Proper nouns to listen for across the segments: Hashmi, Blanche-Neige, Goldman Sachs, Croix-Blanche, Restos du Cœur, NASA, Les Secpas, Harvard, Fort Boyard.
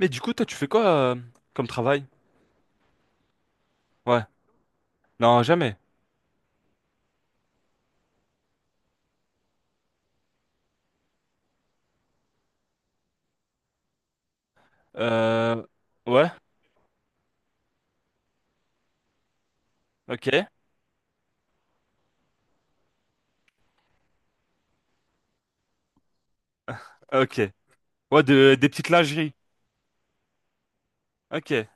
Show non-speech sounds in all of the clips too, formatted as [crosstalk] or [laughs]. Mais du coup, toi, tu fais quoi comme travail? Ouais. Non, jamais. Euh... Ouais. Ok. Ok. Ouais, des petites lingeries. Ok.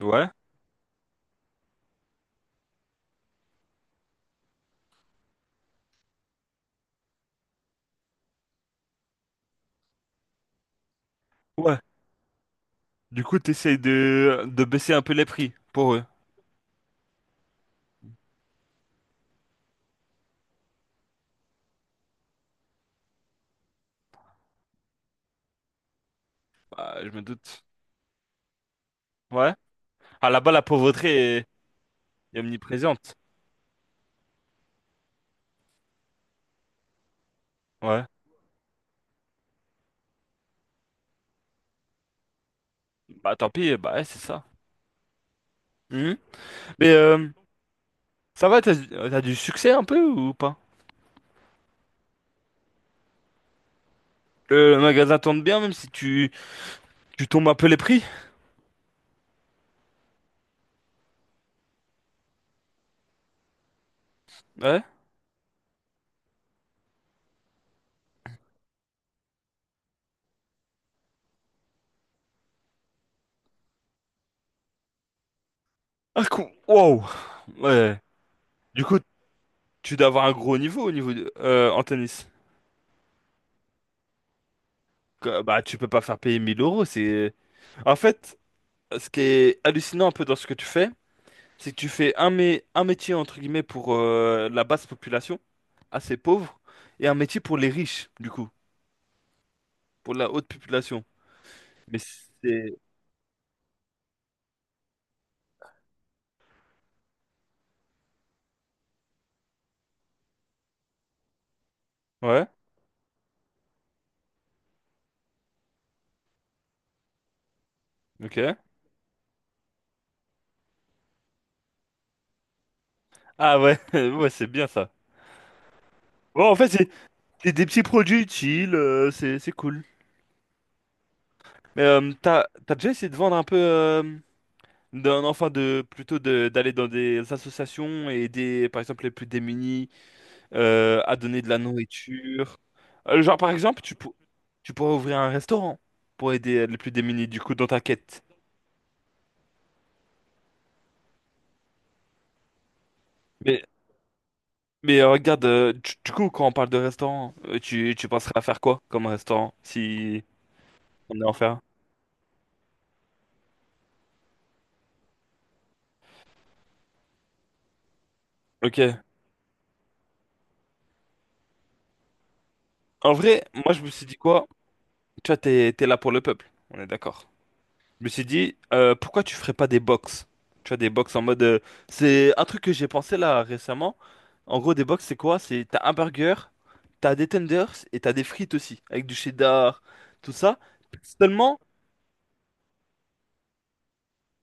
Ouais. Ouais. Du coup, t'essayes de baisser un peu les prix pour eux. Bah, je me doute. Ouais. Ah, là-bas, est omniprésente. Ouais. Bah, tant pis. Bah, ouais, c'est ça. Mhm. Mais euh, ça va, t'as du succès un peu ou pas? Le magasin tourne bien, même si tu, tu tombes un peu les prix. Ouais. Ah, cool. Wow. Ouais. Du coup, tu dois avoir un gros niveau au niveau en tennis. Bah, tu peux pas faire payer 1000 euros. C'est... En fait, ce qui est hallucinant un peu dans ce que tu fais, c'est que tu fais un métier, entre guillemets, pour la basse population, assez pauvre, et un métier pour les riches, du coup, pour la haute population. Mais c'est... Ouais, ok. Ah ouais, [laughs] ouais, c'est bien ça. Bon, en fait, c'est des petits produits utiles, c'est cool. T'as déjà essayé de vendre un peu... d'un enfant de plutôt de d'aller dans des associations et aider par exemple les plus démunis à donner de la nourriture. Genre par exemple tu pourrais ouvrir un restaurant pour aider les plus démunis du coup dans ta quête. Mais regarde du coup quand on parle de restaurant tu penserais à faire quoi comme restaurant si on est en faire? Ok. En vrai moi je me suis dit quoi? Tu vois, t'es là pour le peuple, on est d'accord. Je me suis dit, pourquoi tu ferais pas des box? Tu vois, des box en mode. C'est un truc que j'ai pensé là récemment. En gros, des box, c'est quoi? C'est t'as un burger, t'as des tenders et t'as des frites aussi, avec du cheddar, tout ça. Seulement,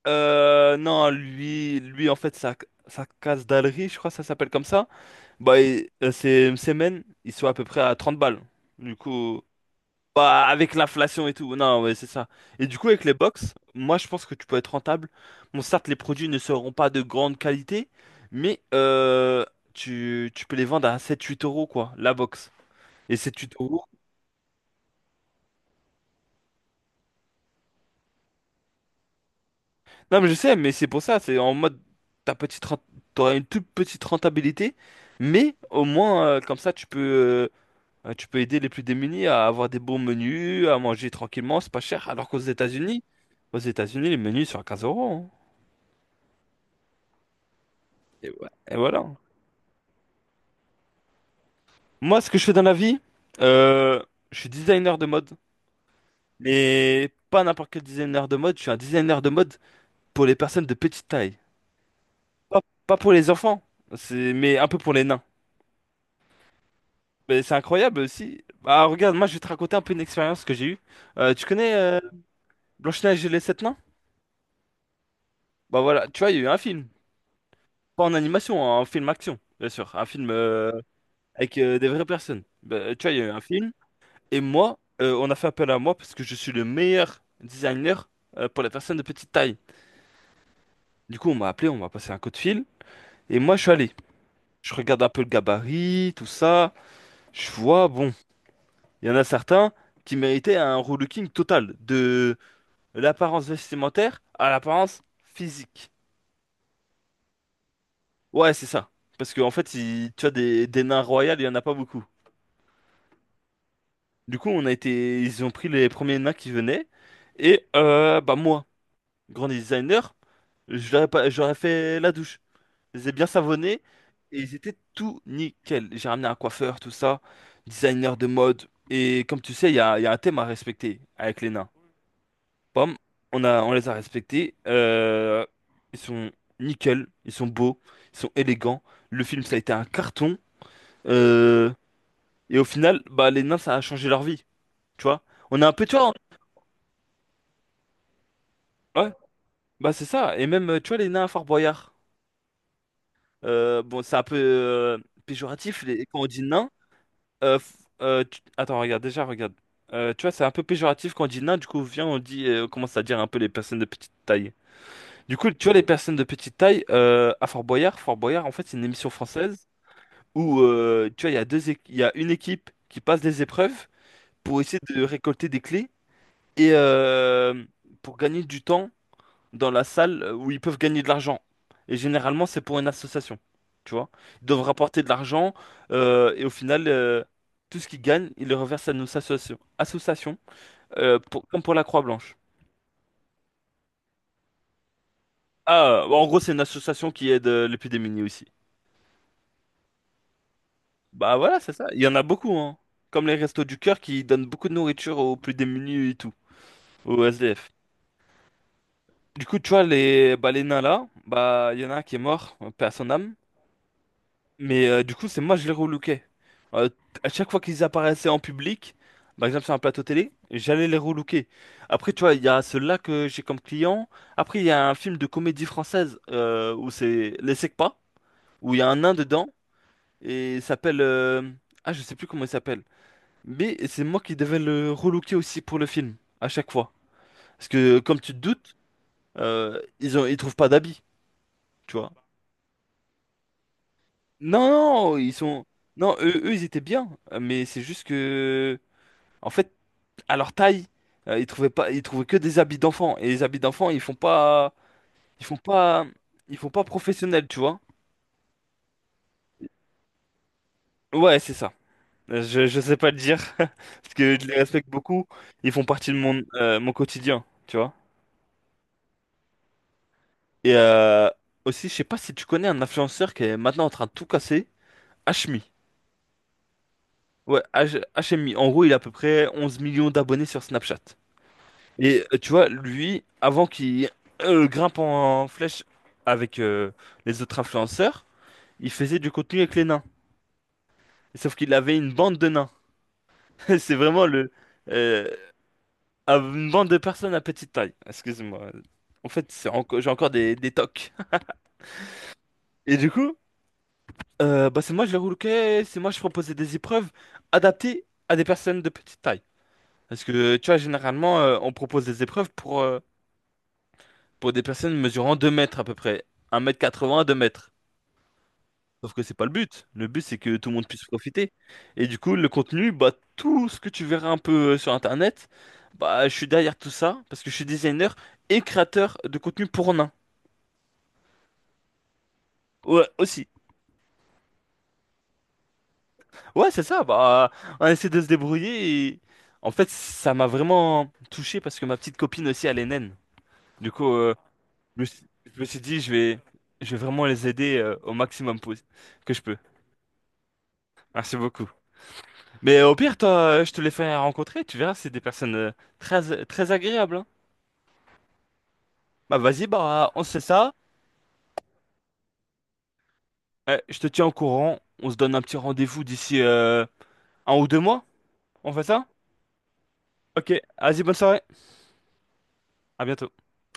non, lui en fait, sa case d'alerie, je crois que ça s'appelle comme ça. Bah, c'est une semaine, ils sont à peu près à 30 balles. Du coup. Bah, avec l'inflation et tout. Non, ouais, c'est ça. Et du coup, avec les box, moi, je pense que tu peux être rentable. Bon, certes, les produits ne seront pas de grande qualité, mais tu, tu peux les vendre à 7 8 euros, quoi, la box. Et 7 8 euros. Non, mais je sais, mais c'est pour ça, c'est en mode, ta petite rent- t'auras une toute petite rentabilité, mais au moins, comme ça, tu peux aider les plus démunis à avoir des bons menus, à manger tranquillement, c'est pas cher. Alors qu'aux États-Unis, aux États-Unis, les menus sont à 15 euros, hein. Et ouais, et voilà. Moi, ce que je fais dans la vie, euh, je suis designer de mode, mais pas n'importe quel designer de mode. Je suis un designer de mode pour les personnes de petite taille. Pas, pas pour les enfants, c'est, mais un peu pour les nains. Mais c'est incroyable aussi. Bah, regarde, moi, je vais te raconter un peu une expérience que j'ai eue. Tu connais Blanche-Neige et les sept nains? Bah voilà, tu vois, il y a eu un film. Pas en animation, un film action, bien sûr. Un film avec des vraies personnes. Bah, tu vois, il y a eu un film. Et moi, on a fait appel à moi parce que je suis le meilleur designer pour les personnes de petite taille. Du coup, on m'a appelé, on m'a passé un coup de fil. Et moi, je suis allé. Je regarde un peu le gabarit, tout ça. Je vois, bon, il y en a certains qui méritaient un relooking total. De l'apparence vestimentaire à l'apparence physique. Ouais, c'est ça. Parce qu'en fait, tu as des nains royaux, il y en a pas beaucoup. Du coup, on a été, ils ont pris les premiers nains qui venaient. Et bah moi, grand designer, je l'aurais pas, j'aurais fait la douche. Je les ai bien savonnés et ils étaient tout nickel. J'ai ramené un coiffeur, tout ça, designer de mode. Et comme tu sais, il y a un thème à respecter avec les nains. Pomme, on les a respectés. Ils sont nickel, ils sont beaux, ils sont élégants. Le film, ça a été un carton. Euh, et au final, bah, les nains, ça a changé leur vie. Tu vois? On a un peu, tu vois, ouais, bah c'est ça. Et même, tu vois, les nains à Fort Boyard. Bon, c'est un peu péjoratif quand on dit nain. Euh, f- Attends, regarde, déjà, regarde. Tu vois, c'est un peu péjoratif quand on dit nain, du coup, viens, on dit, on commence à dire un peu les personnes de petite taille. Du coup, tu vois, les personnes de petite taille, à Fort Boyard, Fort Boyard, en fait, c'est une émission française où, tu vois, il y a une équipe qui passe des épreuves pour essayer de récolter des clés et pour gagner du temps dans la salle où ils peuvent gagner de l'argent. Et généralement, c'est pour une association. Tu vois? Ils doivent rapporter de l'argent et au final, tout ce qu'ils gagnent, ils le reversent à nos associations. Associations, comme pour la Croix-Blanche. Ah, bah, en gros, c'est une association qui aide les plus démunis aussi. Bah voilà, c'est ça. Il y en a beaucoup, hein. Comme les Restos du Cœur qui donnent beaucoup de nourriture aux plus démunis et tout, aux SDF. Du coup, tu vois, les, bah, les nains là, bah, il y en a un qui est mort, paix à son âme. Mais du coup, c'est moi, je les relooké. Euh, t- à chaque fois qu'ils apparaissaient en public, par exemple sur un plateau télé, j'allais les relooker. Après, tu vois, il y a ceux-là que j'ai comme client. Après, il y a un film de comédie française où c'est Les Secpas, où il y a un nain dedans, et Ah, je sais plus comment il s'appelle. Mais c'est moi qui devais le relooker aussi pour le film, à chaque fois. Parce que, comme tu te doutes, ils ont... ils trouvent pas d'habits, tu vois. Non, non, ils sont... Non, eux, eux, ils étaient bien, mais c'est juste que... En fait, à leur taille, ils trouvaient pas, ils trouvaient que des habits d'enfants. Et les habits d'enfants, ils font pas, ils font pas professionnels, tu vois. Ouais, c'est ça. Je sais pas le dire, [laughs] parce que je les respecte beaucoup. Ils font partie de mon, mon quotidien, tu vois. Et aussi, je sais pas si tu connais un influenceur qui est maintenant en train de tout casser, Hashmi. Ouais, HMI. En gros, il a à peu près 11 millions d'abonnés sur Snapchat. Et tu vois, lui, avant qu'il grimpe en flèche avec les autres influenceurs, il faisait du contenu avec les nains. Sauf qu'il avait une bande de nains. [laughs] C'est vraiment le euh, une bande de personnes à petite taille. Excuse-moi. En fait, j'ai encore des tocs. Et du coup, bah, c'est moi je les relookais, c'est moi je proposais des épreuves adaptées à des personnes de petite taille. Parce que tu vois, généralement, on propose des épreuves pour des personnes mesurant 2 mètres à peu près. 1m80, 2 mètres. Sauf que c'est pas le but. Le but, c'est que tout le monde puisse profiter. Et du coup, le contenu, bah, tout ce que tu verras un peu sur Internet, bah, je suis derrière tout ça parce que je suis designer et créateur de contenu pour nains. Ouais, aussi. Ouais, c'est ça. Bah, on essaie de se débrouiller et en fait, ça m'a vraiment touché parce que ma petite copine aussi, elle est naine. Du coup, je me suis je me suis dit, je vais vraiment les aider au que je peux. Merci beaucoup. Mais au pire, toi, je te les fais rencontrer, tu verras, c'est des personnes très, très agréables, hein. Bah vas-y, bah on se fait ça. Je te tiens au courant. On se donne un petit rendez-vous d'ici un ou deux mois. On fait ça? Ok, vas-y, bonne soirée. À bientôt.